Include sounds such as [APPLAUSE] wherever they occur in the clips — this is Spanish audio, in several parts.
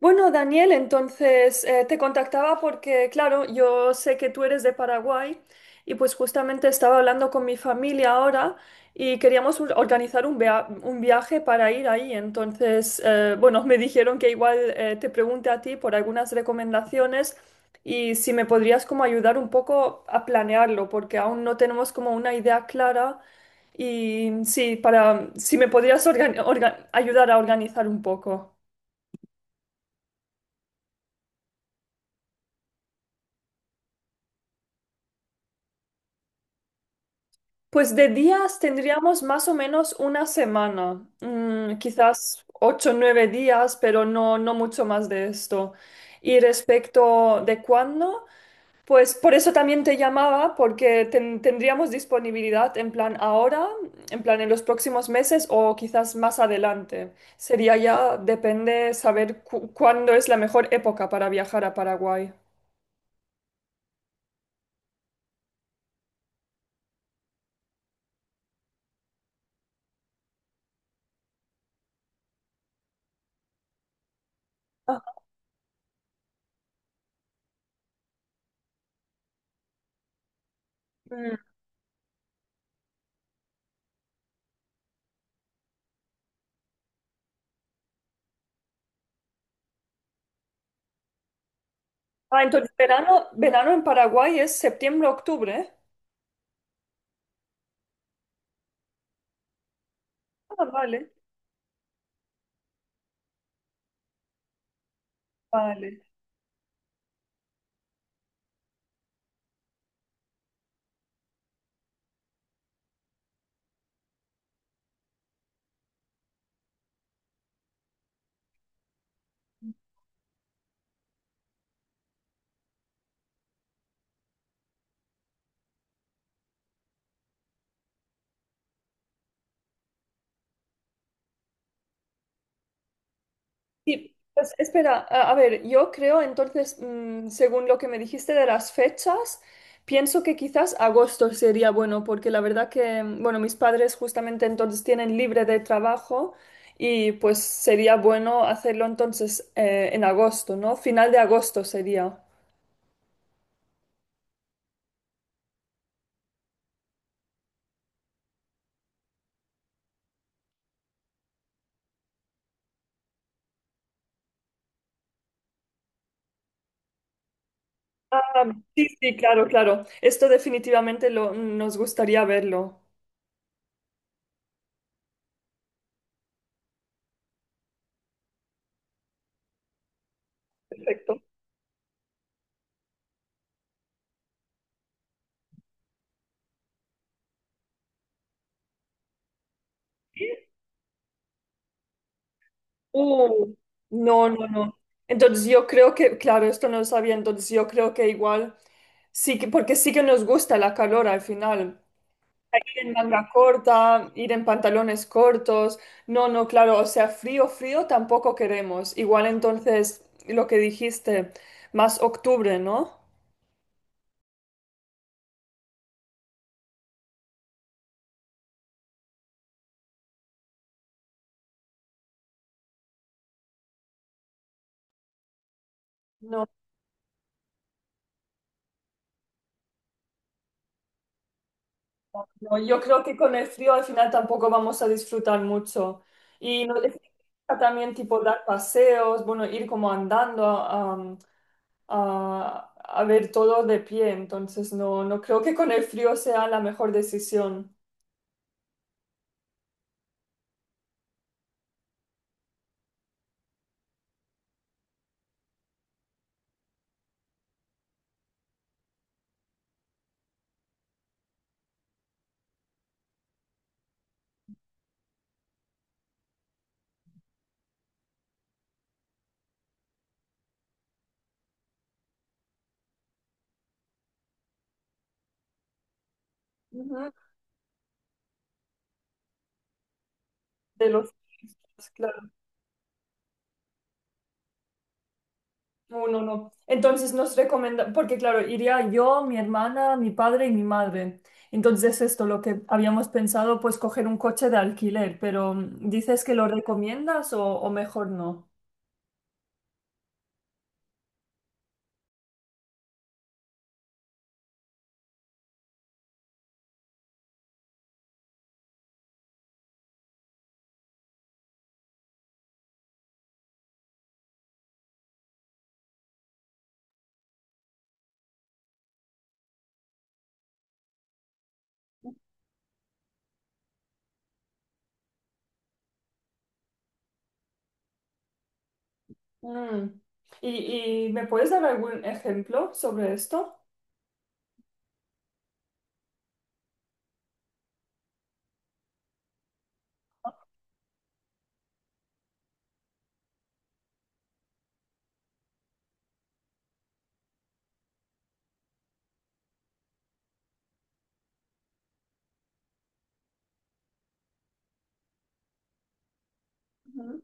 Bueno, Daniel, entonces te contactaba porque, claro, yo sé que tú eres de Paraguay, y pues justamente estaba hablando con mi familia ahora y queríamos organizar un viaje para ir ahí. Entonces, bueno, me dijeron que igual te pregunte a ti por algunas recomendaciones y si me podrías como ayudar un poco a planearlo, porque aún no tenemos como una idea clara. Y sí, para si me podrías ayudar a organizar un poco. Pues de días tendríamos más o menos una semana, quizás ocho o nueve días, pero no mucho más de esto. Y respecto de cuándo, pues por eso también te llamaba, porque tendríamos disponibilidad en plan ahora, en plan en los próximos meses o quizás más adelante. Sería ya, depende saber cuándo es la mejor época para viajar a Paraguay. Ah, mm. Ah, entonces verano, verano en Paraguay es septiembre, octubre. Ah, vale. Vale. Sí pues, espera, a ver, yo creo entonces, mm, según lo que me dijiste de las fechas, pienso que quizás agosto sería bueno, porque la verdad que, mm, bueno, mis padres justamente entonces tienen libre de trabajo y pues sería bueno hacerlo entonces en agosto, ¿no? Final de agosto sería. Ah, sí, sí, claro, claro. Esto definitivamente lo, nos gustaría verlo. Perfecto. Uh, no, no, no. Entonces yo creo que, claro, esto no lo sabía, entonces yo creo que igual sí que, porque sí que nos gusta la calor al final. Ir en manga corta, ir en pantalones cortos. No, no, claro, o sea, frío, frío tampoco queremos. Igual entonces lo que dijiste, más octubre, ¿no? No, yo creo que con el frío al final tampoco vamos a disfrutar mucho. Y también tipo dar paseos, bueno, ir como andando a, a ver todo de pie. Entonces no, no creo que con el frío sea la mejor decisión. Ujú. De los no, no, no. Entonces nos recomienda, porque claro, iría yo, mi hermana, mi padre y mi madre. Entonces esto, lo que habíamos pensado, pues coger un coche de alquiler, pero mm, ¿dices que lo recomiendas o mejor no? Mm. Y me puedes dar algún ejemplo sobre esto? Ujú.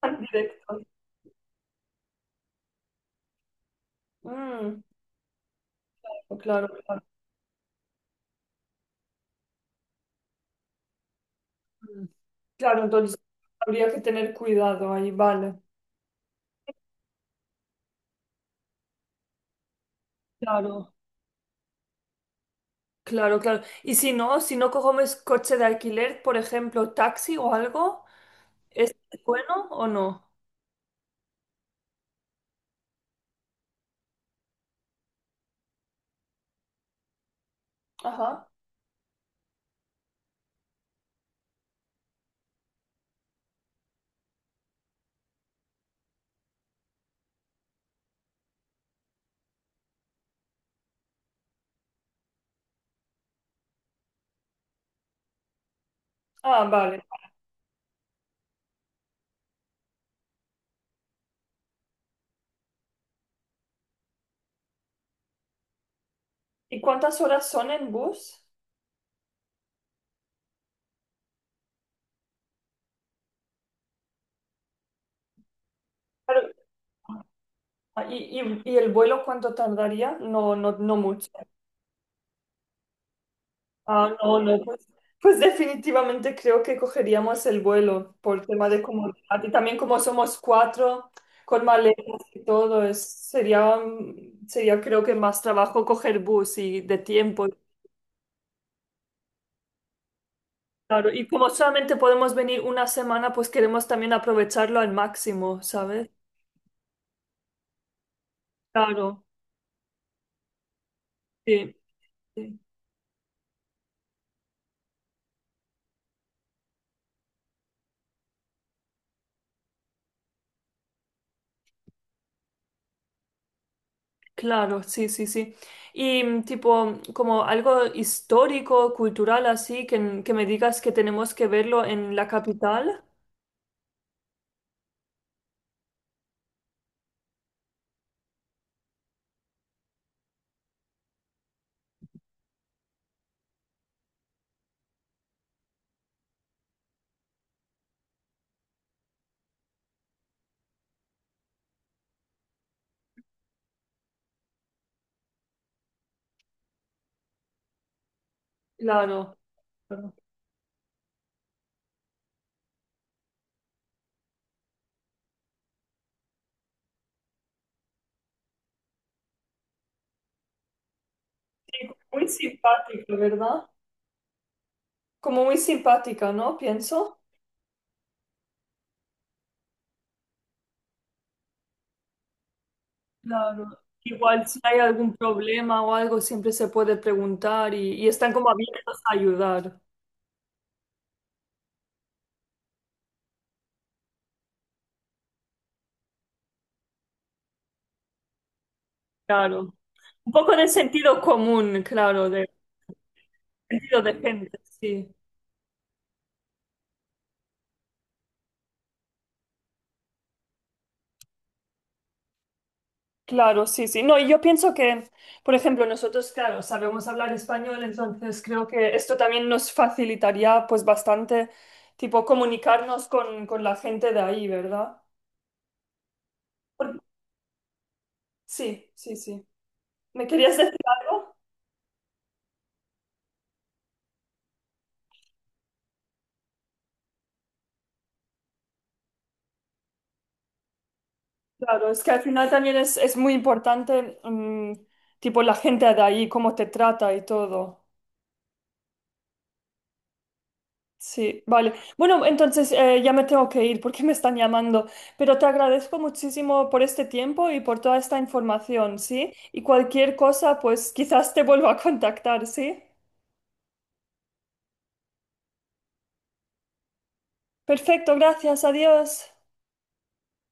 Tan directo. Mm, claro, claro. Mm. Claro, entonces habría que tener cuidado ahí, vale. Claro. Claro, claro. Y si no, si no cogemos coche de alquiler, por ejemplo, taxi o algo, ¿es bueno o no? Ajá. Ah, vale. ¿Y cuántas horas son en bus? Claro. Ah, ¿y, y el vuelo cuánto tardaría? No, no, no mucho. Ah, no, no, pues, pues definitivamente creo que cogeríamos el vuelo por tema de comodidad. Y también como somos cuatro, con maletas y todo, es, sería, mm, sería creo que más trabajo coger bus y de tiempo. Claro, y como solamente podemos venir una semana, pues queremos también aprovecharlo al máximo, ¿sabes? Claro, sí, sí. Claro, sí, sí, sí. Y mm, tipo, como algo histórico, cultural, así, que me digas que tenemos que verlo en la capital. Claro. Claro. Sí, muy simpático, ¿verdad? Como muy simpática, ¿no? Pienso. Claro. Igual si hay algún problema o algo, siempre se puede preguntar y están como abiertos a ayudar. Claro. Un poco de sentido común, claro, de sentido de gente, sí. Claro, sí, sí. No, y yo pienso que, por ejemplo, nosotros, claro, sabemos hablar español, entonces creo que esto también nos facilitaría pues bastante, tipo, comunicarnos con la gente de ahí, ¿verdad? Por- sí, sí, sí. ¿Me querías decir algo? Claro, es que al final también es muy importante, mm, tipo, la gente de ahí, cómo te trata y todo. Sí, vale. Bueno, entonces ya me tengo que ir porque [LAUGHS] me están llamando, pero te agradezco muchísimo por este tiempo y por toda esta información, ¿sí? Y cualquier cosa, pues [LAUGHS] quizás te vuelva a contactar, ¿sí? Perfecto, gracias, adiós.